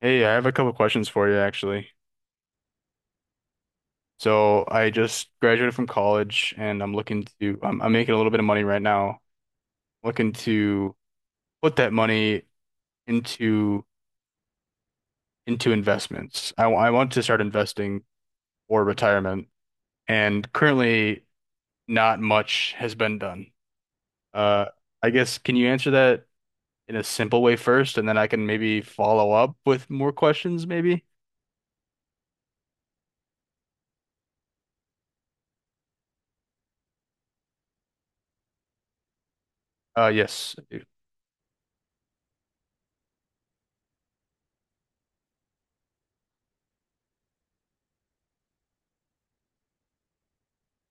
Hey, I have a couple questions for you actually. So I just graduated from college and I'm looking to I'm making a little bit of money right now. Looking to put that money into into investments. I want to start investing for retirement, and currently not much has been done. Uh, I guess can you answer that in a simple way first and then I can maybe follow up with more questions maybe? Yes. I do.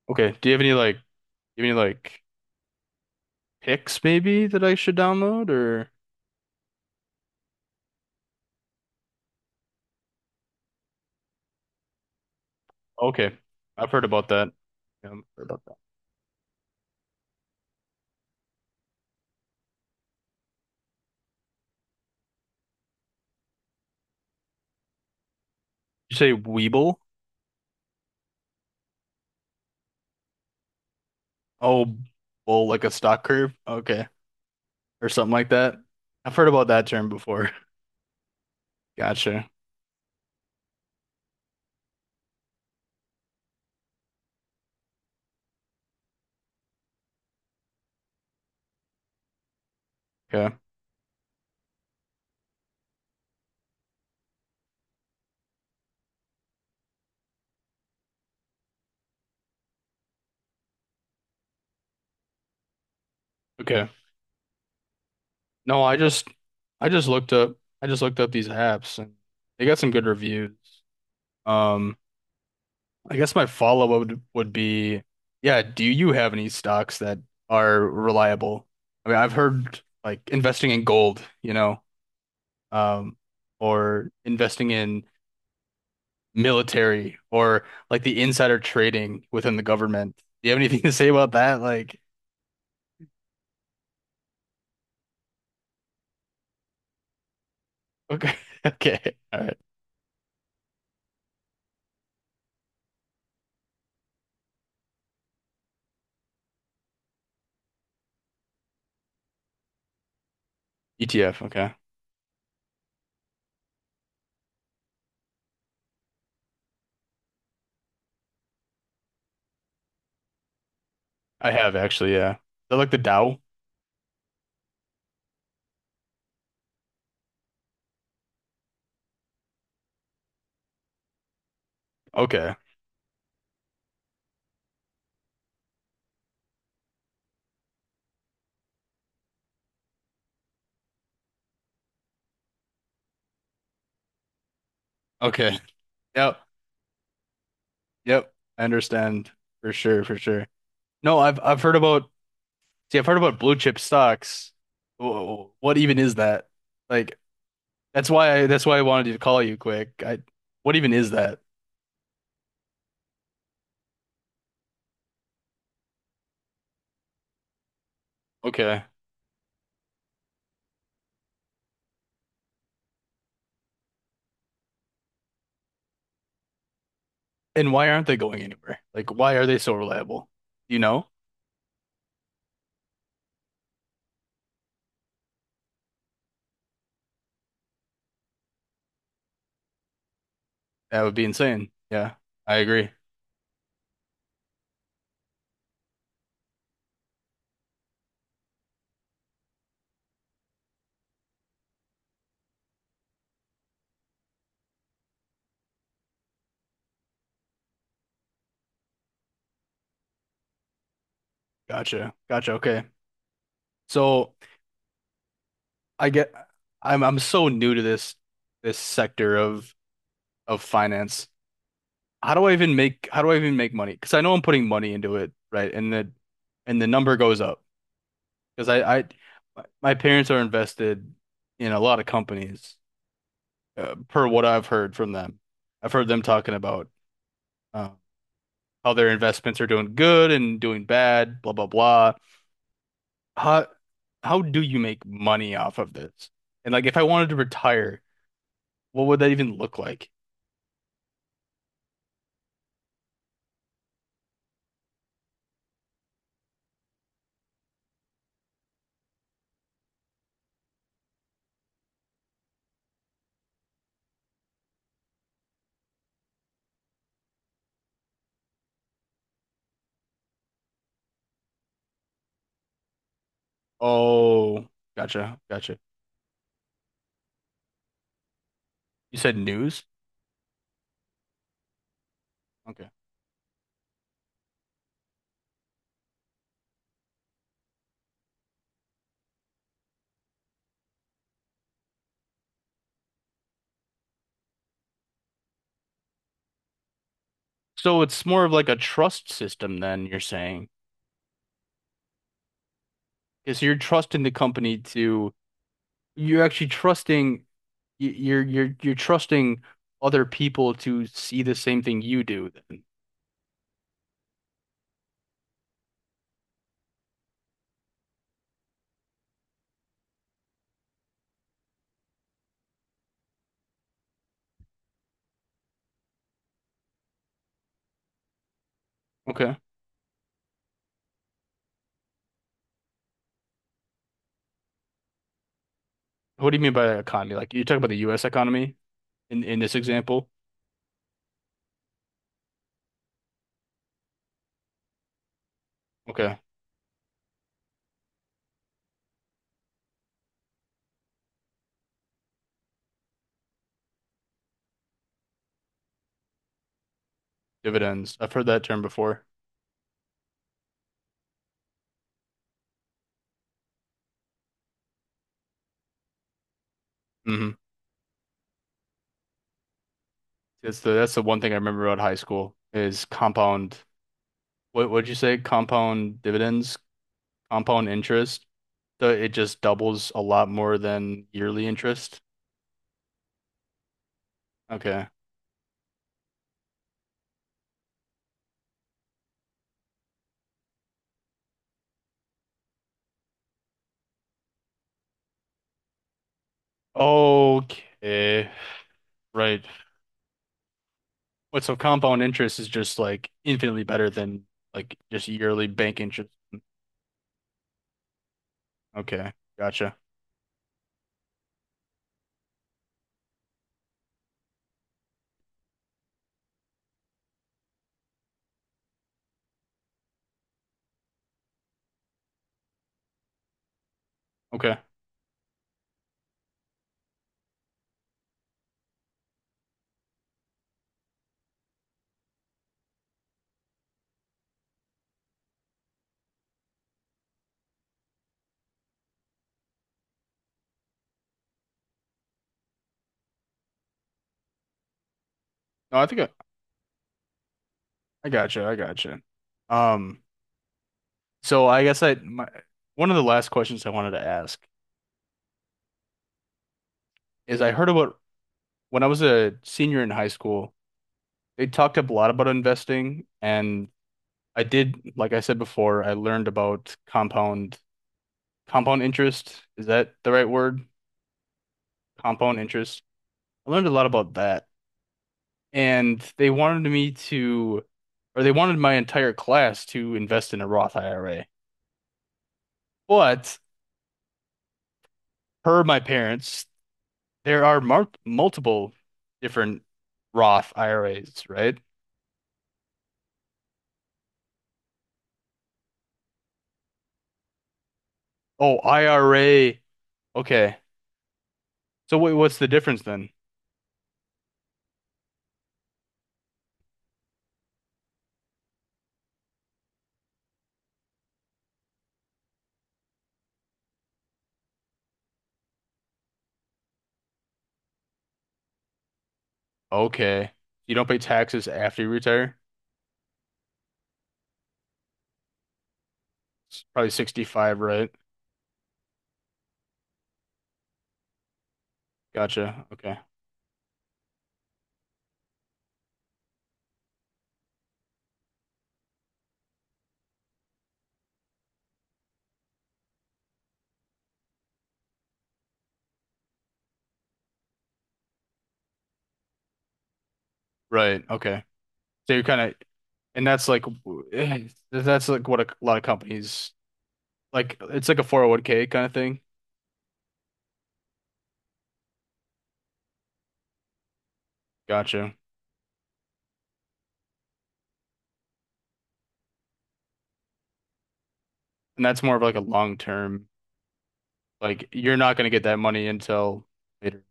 Okay. Do you have any like do you have any like picks maybe that I should download or okay. I've heard about that. Yeah, I've heard about that. You say Weeble? Oh, bull like a stock curve. Okay. Or something like that. I've heard about that term before. Gotcha. Okay. Okay. No, I just looked up I just looked up these apps and they got some good reviews. Um, I guess my follow-up would be, yeah, do you have any stocks that are reliable? I mean, I've heard like investing in gold, you know. um, or investing in military or like the insider trading within the government. Do you have anything to say about that? Like, okay, okay, all right. ETF, okay. I have actually, yeah. Is that like the Dow? Okay, okay. Yep, yep. I understand for sure, for sure. No, I've heard about. See, I've heard about blue chip stocks. What even is that? Like, that's why I wanted to call you quick. I, what even is that? Okay. And why aren't they going anywhere? Like, why are they so reliable? You know, that would be insane. Yeah, I agree. Gotcha. Gotcha. Okay. So I get, I'm so new to this this sector of finance. How do I even make money? Because I know I'm putting money into it, right? And the number goes up because I, my parents are invested in a lot of companies, per what I've heard from them. I've heard them talking about. uh, Other investments are doing good and doing bad, blah blah blah. How how do you make money off of this? And like if I wanted to retire, what would that even look like? Oh, gotcha. You said news? Okay. So it's more of like a trust system then you're saying. Because you're trusting the company to you're actually trusting you're trusting other people to see the same thing you do then. Okay. What do you mean by economy? Like you talk about the US economy? In this example, okay, dividends. I've heard that term before. Hmm. That's the one thing I remember about high school is compound. What what'd you say? Compound interest. So it just doubles a lot more than yearly interest. Okay. Okay. Right. What so compound interest is just like infinitely better than like just yearly bank interest. Mm, okay. Gotcha. Okay. No, I gotcha. Um. So I guess I my One of the last questions I wanted to ask is I heard about when I was a senior in high school, they talked up a lot about investing, and I did, like I said before, I learned about compound interest. Is that the right word? Compound interest. I learned a lot about that. And they wanted me to, or they wanted my entire class to invest in a Roth IRA. But per my parents, there are mar multiple different Roth IRAs, right? Oh, IRA. Okay. So wait, what's the difference then? Okay. You don't pay taxes after you retire? It's probably 65, right? Gotcha. Okay. Right. Okay. So you're kind of, and that's like, that's like what a lot of companies, like, it's like a 401k kind of thing. Gotcha. And that's more of like a long term, like, you're not going to get that money until later.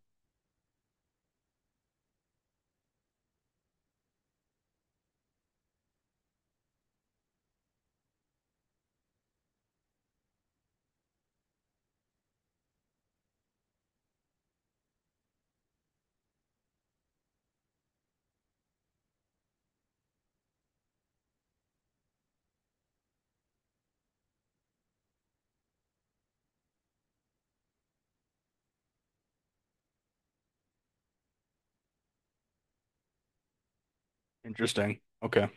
Interesting. Okay.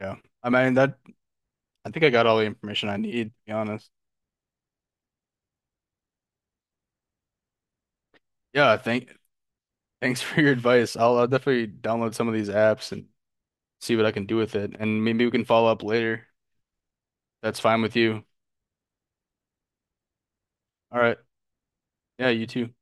Yeah. I mean, that I think I got all the information I need, to be honest. Yeah, thanks for your advice. I'll definitely download some of these apps and see what I can do with it. And maybe we can follow up later. That's fine with you. All right. Yeah, you too.